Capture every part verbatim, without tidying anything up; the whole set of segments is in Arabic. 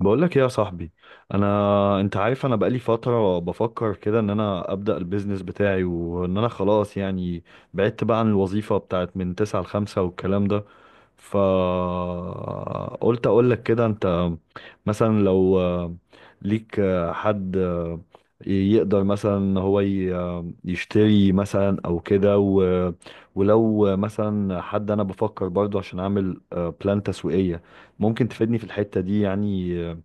بقول لك ايه يا صاحبي؟ انا انت عارف، انا بقالي فتره بفكر كده ان انا ابدا البيزنس بتاعي، وان انا خلاص، يعني بعدت بقى عن الوظيفه بتاعت من تسعة ل خمسة والكلام ده. فقلت اقول لك كده. انت مثلا لو آه، ليك آه، حد آه، يقدر مثلا ان هو ي- آه، يشتري مثلا او كده و- ولو مثلا حد، انا بفكر برضو عشان اعمل آه، بلان تسويقية. ممكن تفيدني في الحتة دي يعني آه،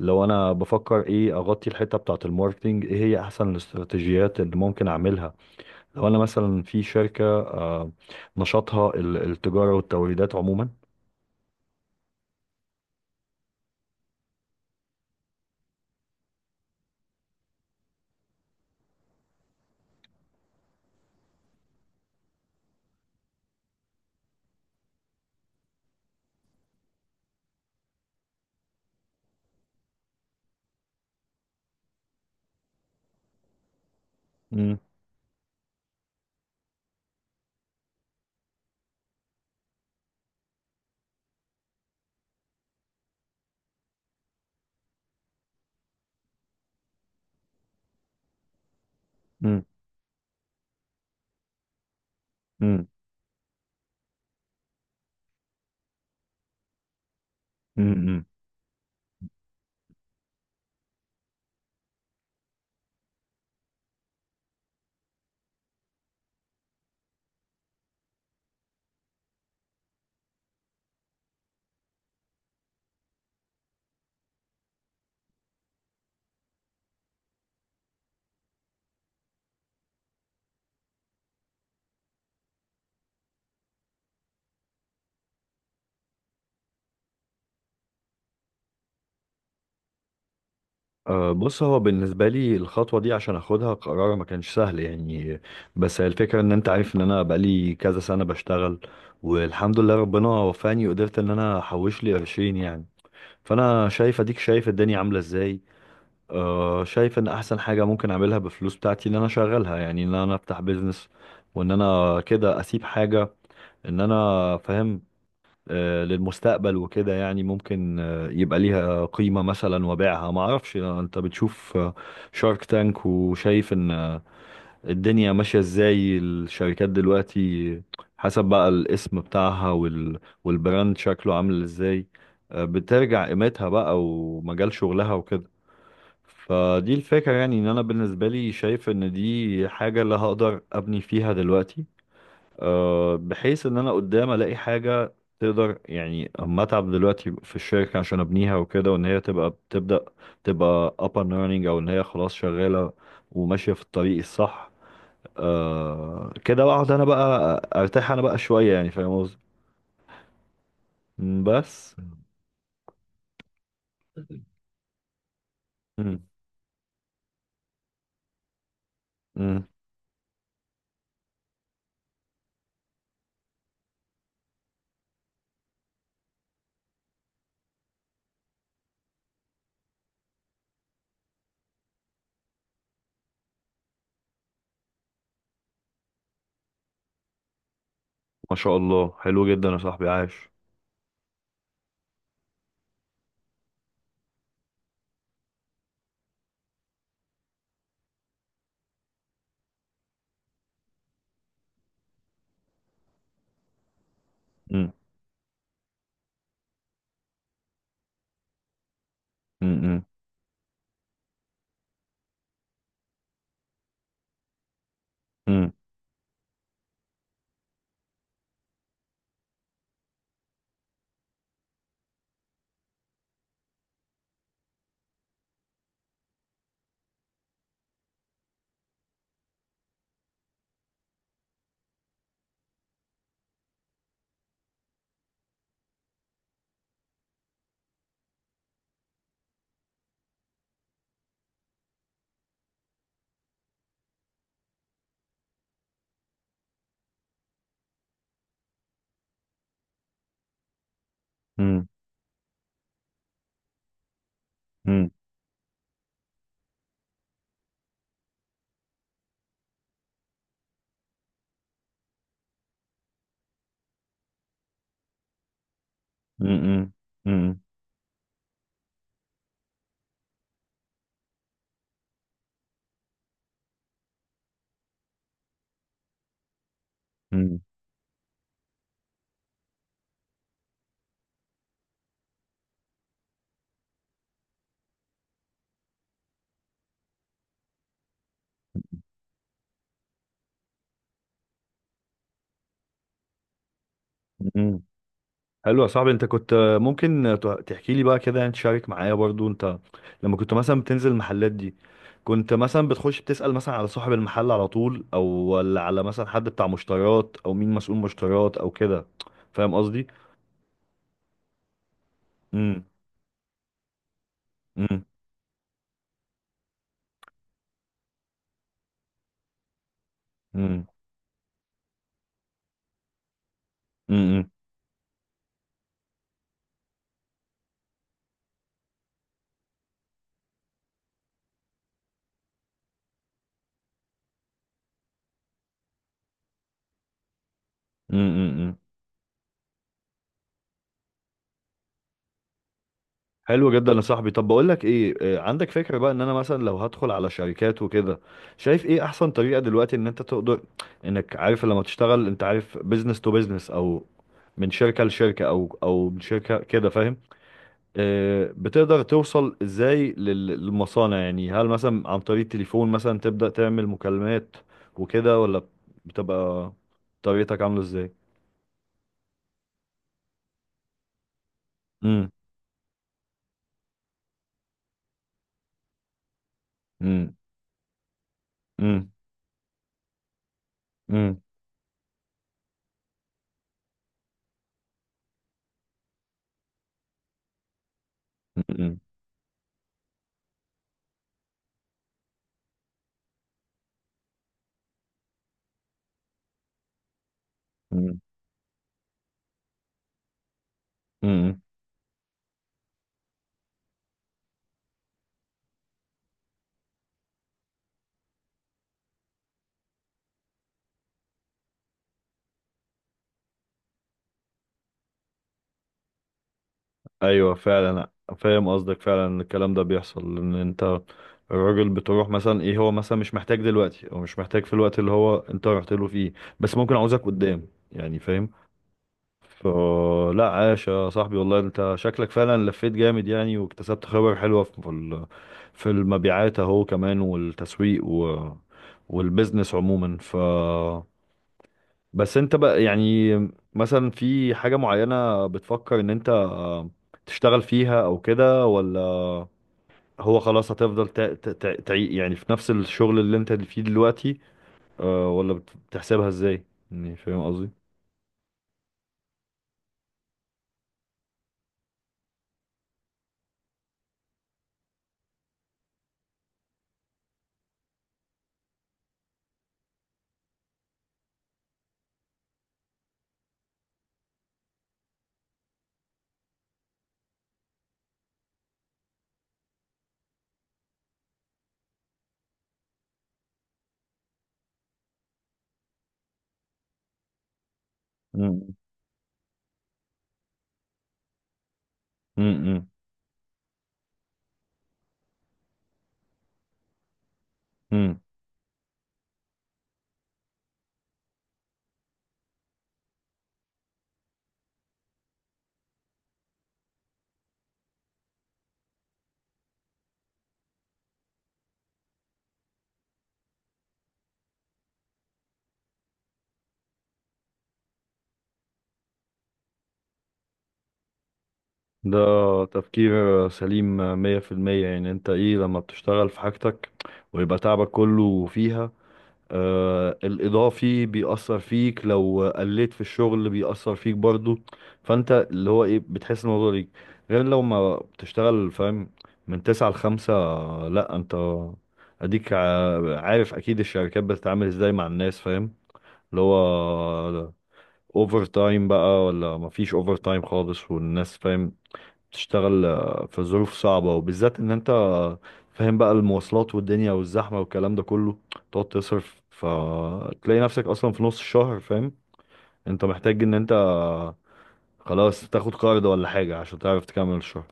لو انا بفكر ايه، اغطي الحتة بتاعة الماركتينج، ايه هي احسن الاستراتيجيات اللي ممكن اعملها لو انا مثلا في شركة آه، نشاطها ال- التجارة والتوريدات عموما. مم. مم. مم. مم. مم. أه، بص، هو بالنسبة لي الخطوة دي عشان اخدها، قرار ما كانش سهل يعني. بس هي الفكرة ان انت عارف ان انا بقالي كذا سنة بشتغل، والحمد لله ربنا وفاني وقدرت ان انا احوش لي قرشين يعني. فانا شايف، اديك شايف الدنيا عاملة ازاي. أه، شايف ان احسن حاجة ممكن اعملها بالفلوس بتاعتي ان انا اشغلها، يعني ان انا افتح بيزنس. وان انا كده اسيب حاجة، ان انا فاهم، آه، للمستقبل وكده. يعني ممكن آه، يبقى ليها قيمة مثلا وبيعها، ما اعرفش. انت بتشوف شارك تانك، وشايف ان آه، الدنيا ماشية ازاي الشركات دلوقتي، حسب بقى الاسم بتاعها وال... والبراند شكله عامل ازاي، آه، بترجع قيمتها بقى، ومجال شغلها وكده. فدي الفكرة يعني. ان انا بالنسبة لي شايف ان دي حاجة اللي هقدر ابني فيها دلوقتي، آه، بحيث ان انا قدام الاقي حاجه تقدر، يعني اما اتعب دلوقتي في الشركه عشان ابنيها وكده، وان هي تبقى بتبدا، تبقى up and running، او ان هي خلاص شغاله وماشيه في الطريق الصح. آه كده اقعد انا بقى ارتاح انا بقى شويه، يعني فاهم قصدي؟ مم، بس. مم. مم. ما شاء الله، حلو جدا يا صاحبي، عاش. مم. مم. مم. مم. مم. مم. مم. مم. مم. حلو يا صاحبي. انت كنت آه، ممكن تحكي لي بقى كده، يعني تشارك معايا برضو انت، لما كنت مثلا بتنزل المحلات دي، كنت مثلا بتخش بتسأل مثلا على صاحب المحل على طول، او ولا على مثلا حد بتاع مشتريات، او مين مسؤول مشتريات او كده؟ فاهم قصدي؟ امم. امم. امم. امم. إمم، إمم، إمم. حلو جدا يا صاحبي. طب بقول لك ايه، آه، عندك فكرة بقى ان انا مثلا لو هدخل على شركات وكده، شايف ايه احسن طريقة دلوقتي ان انت تقدر، انك عارف، لما تشتغل انت عارف بيزنس تو بيزنس، او من شركة لشركة، او او من شركة كده، فاهم؟ آه، بتقدر توصل ازاي لل- للمصانع؟ يعني هل مثلا عن طريق التليفون مثلا تبدأ تعمل مكالمات وكده، ولا بتبقى طريقتك عاملة ازاي؟ امم. امم. امم. امم. امم، امم، امم. ايوه، فعلا. فاهم قصدك فعلا، إن الكلام ده بيحصل، ان انت الراجل بتروح مثلا، ايه هو مثلا مش محتاج دلوقتي، او مش محتاج في الوقت اللي هو انت رحت له فيه، بس ممكن عاوزك قدام، يعني فاهم. فلا، عاش يا صاحبي، والله انت شكلك فعلا لفيت جامد يعني، واكتسبت خبر حلوة في ال- في المبيعات اهو، كمان، والتسويق، و والبيزنس عموما. ف بس انت بقى، يعني مثلا في حاجة معينة بتفكر ان انت آه، تشتغل فيها او كده، ولا هو خلاص هتفضل تع... تع... تع... تع- يعني في نفس الشغل اللي انت فيه دلوقتي آه، ولا بت- بتحسبها ازاي؟ يعني فاهم قصدي. مم. مم. مم. ده تفكير سليم مية في المية. يعني انت ايه، لما بتشتغل في حاجتك ويبقى تعبك كله فيها، آه، الإضافي بيأثر فيك، لو قلت في الشغل بيأثر فيك برضو. فأنت اللي هو إيه، بتحس الموضوع ليك، غير لو ما بتشتغل، فاهم، من تسعة لخمسة. لأ، أنت أديك ع- عارف أكيد الشركات بتتعامل إزاي مع الناس، فاهم، اللي هو أوفر تايم بقى ولا مفيش أوفر تايم خالص، والناس فاهم تشتغل آه، في ظروف صعبة، وبالذات ان انت آه، فاهم بقى المواصلات والدنيا والزحمة والكلام ده كله. تقعد تصرف فتلاقي نفسك اصلا في نص الشهر، فاهم، انت محتاج ان انت آه، خلاص تاخد قرض ولا حاجة عشان تعرف تكمل الشهر.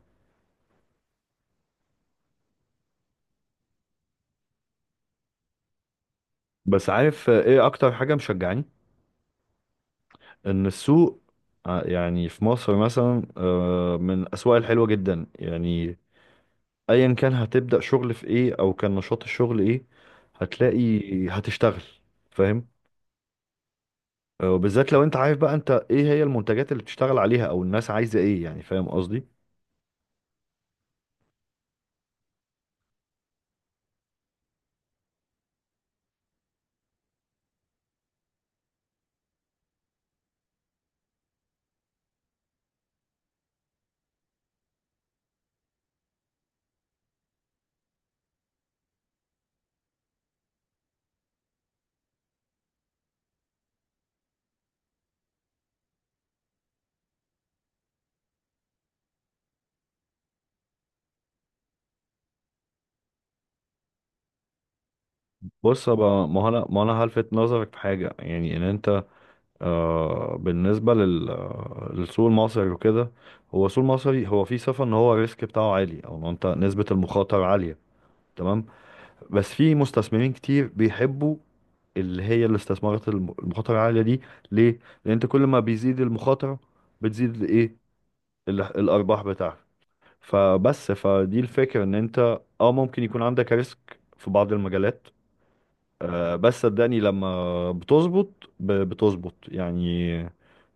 بس عارف آه، ايه اكتر حاجة مشجعاني؟ ان السوق، آه، يعني في مصر مثلا آه، من الاسواق الحلوة جدا يعني. ايا كان هتبدأ شغل في ايه، او كان نشاط الشغل ايه، هتلاقي هتشتغل، فاهم. آه، وبالذات لو انت عارف بقى انت ايه هي المنتجات اللي بتشتغل عليها، او الناس عايزه ايه، يعني فاهم قصدي. بص بقى، ما هو انا، ما انا هلفت نظرك في حاجه، يعني ان انت آه بالنسبه لل آه، للسوق المصري وكده. هو السوق المصري هو فيه صفه ان هو الريسك بتاعه عالي، او ان انت نسبه المخاطره عاليه، تمام. بس في مستثمرين كتير بيحبوا، اللي هي الاستثمارات الم- المخاطره العاليه دي، ليه؟ لان انت كل ما بيزيد المخاطره، بتزيد الايه، ال- الارباح بتاعتك. فبس، فدي الفكرة، ان انت اه ممكن يكون عندك ريسك في بعض المجالات، آه، بس صدقني، لما بتظبط ب- بتظبط يعني،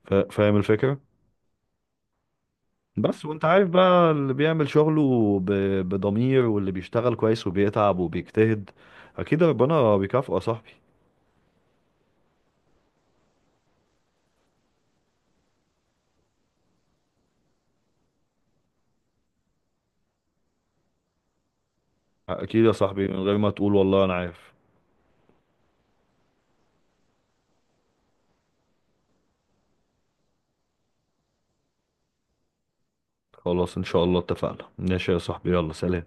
فا- فاهم الفكرة. بس وانت عارف بقى اللي بيعمل شغله ب- بضمير، واللي بيشتغل كويس وبيتعب وبيجتهد، اكيد ربنا بيكافئه يا صاحبي. اكيد يا صاحبي، من غير ما تقول، والله انا عارف. خلاص ان شاء الله، اتفقنا، ماشي يا صاحبي، يلا سلام.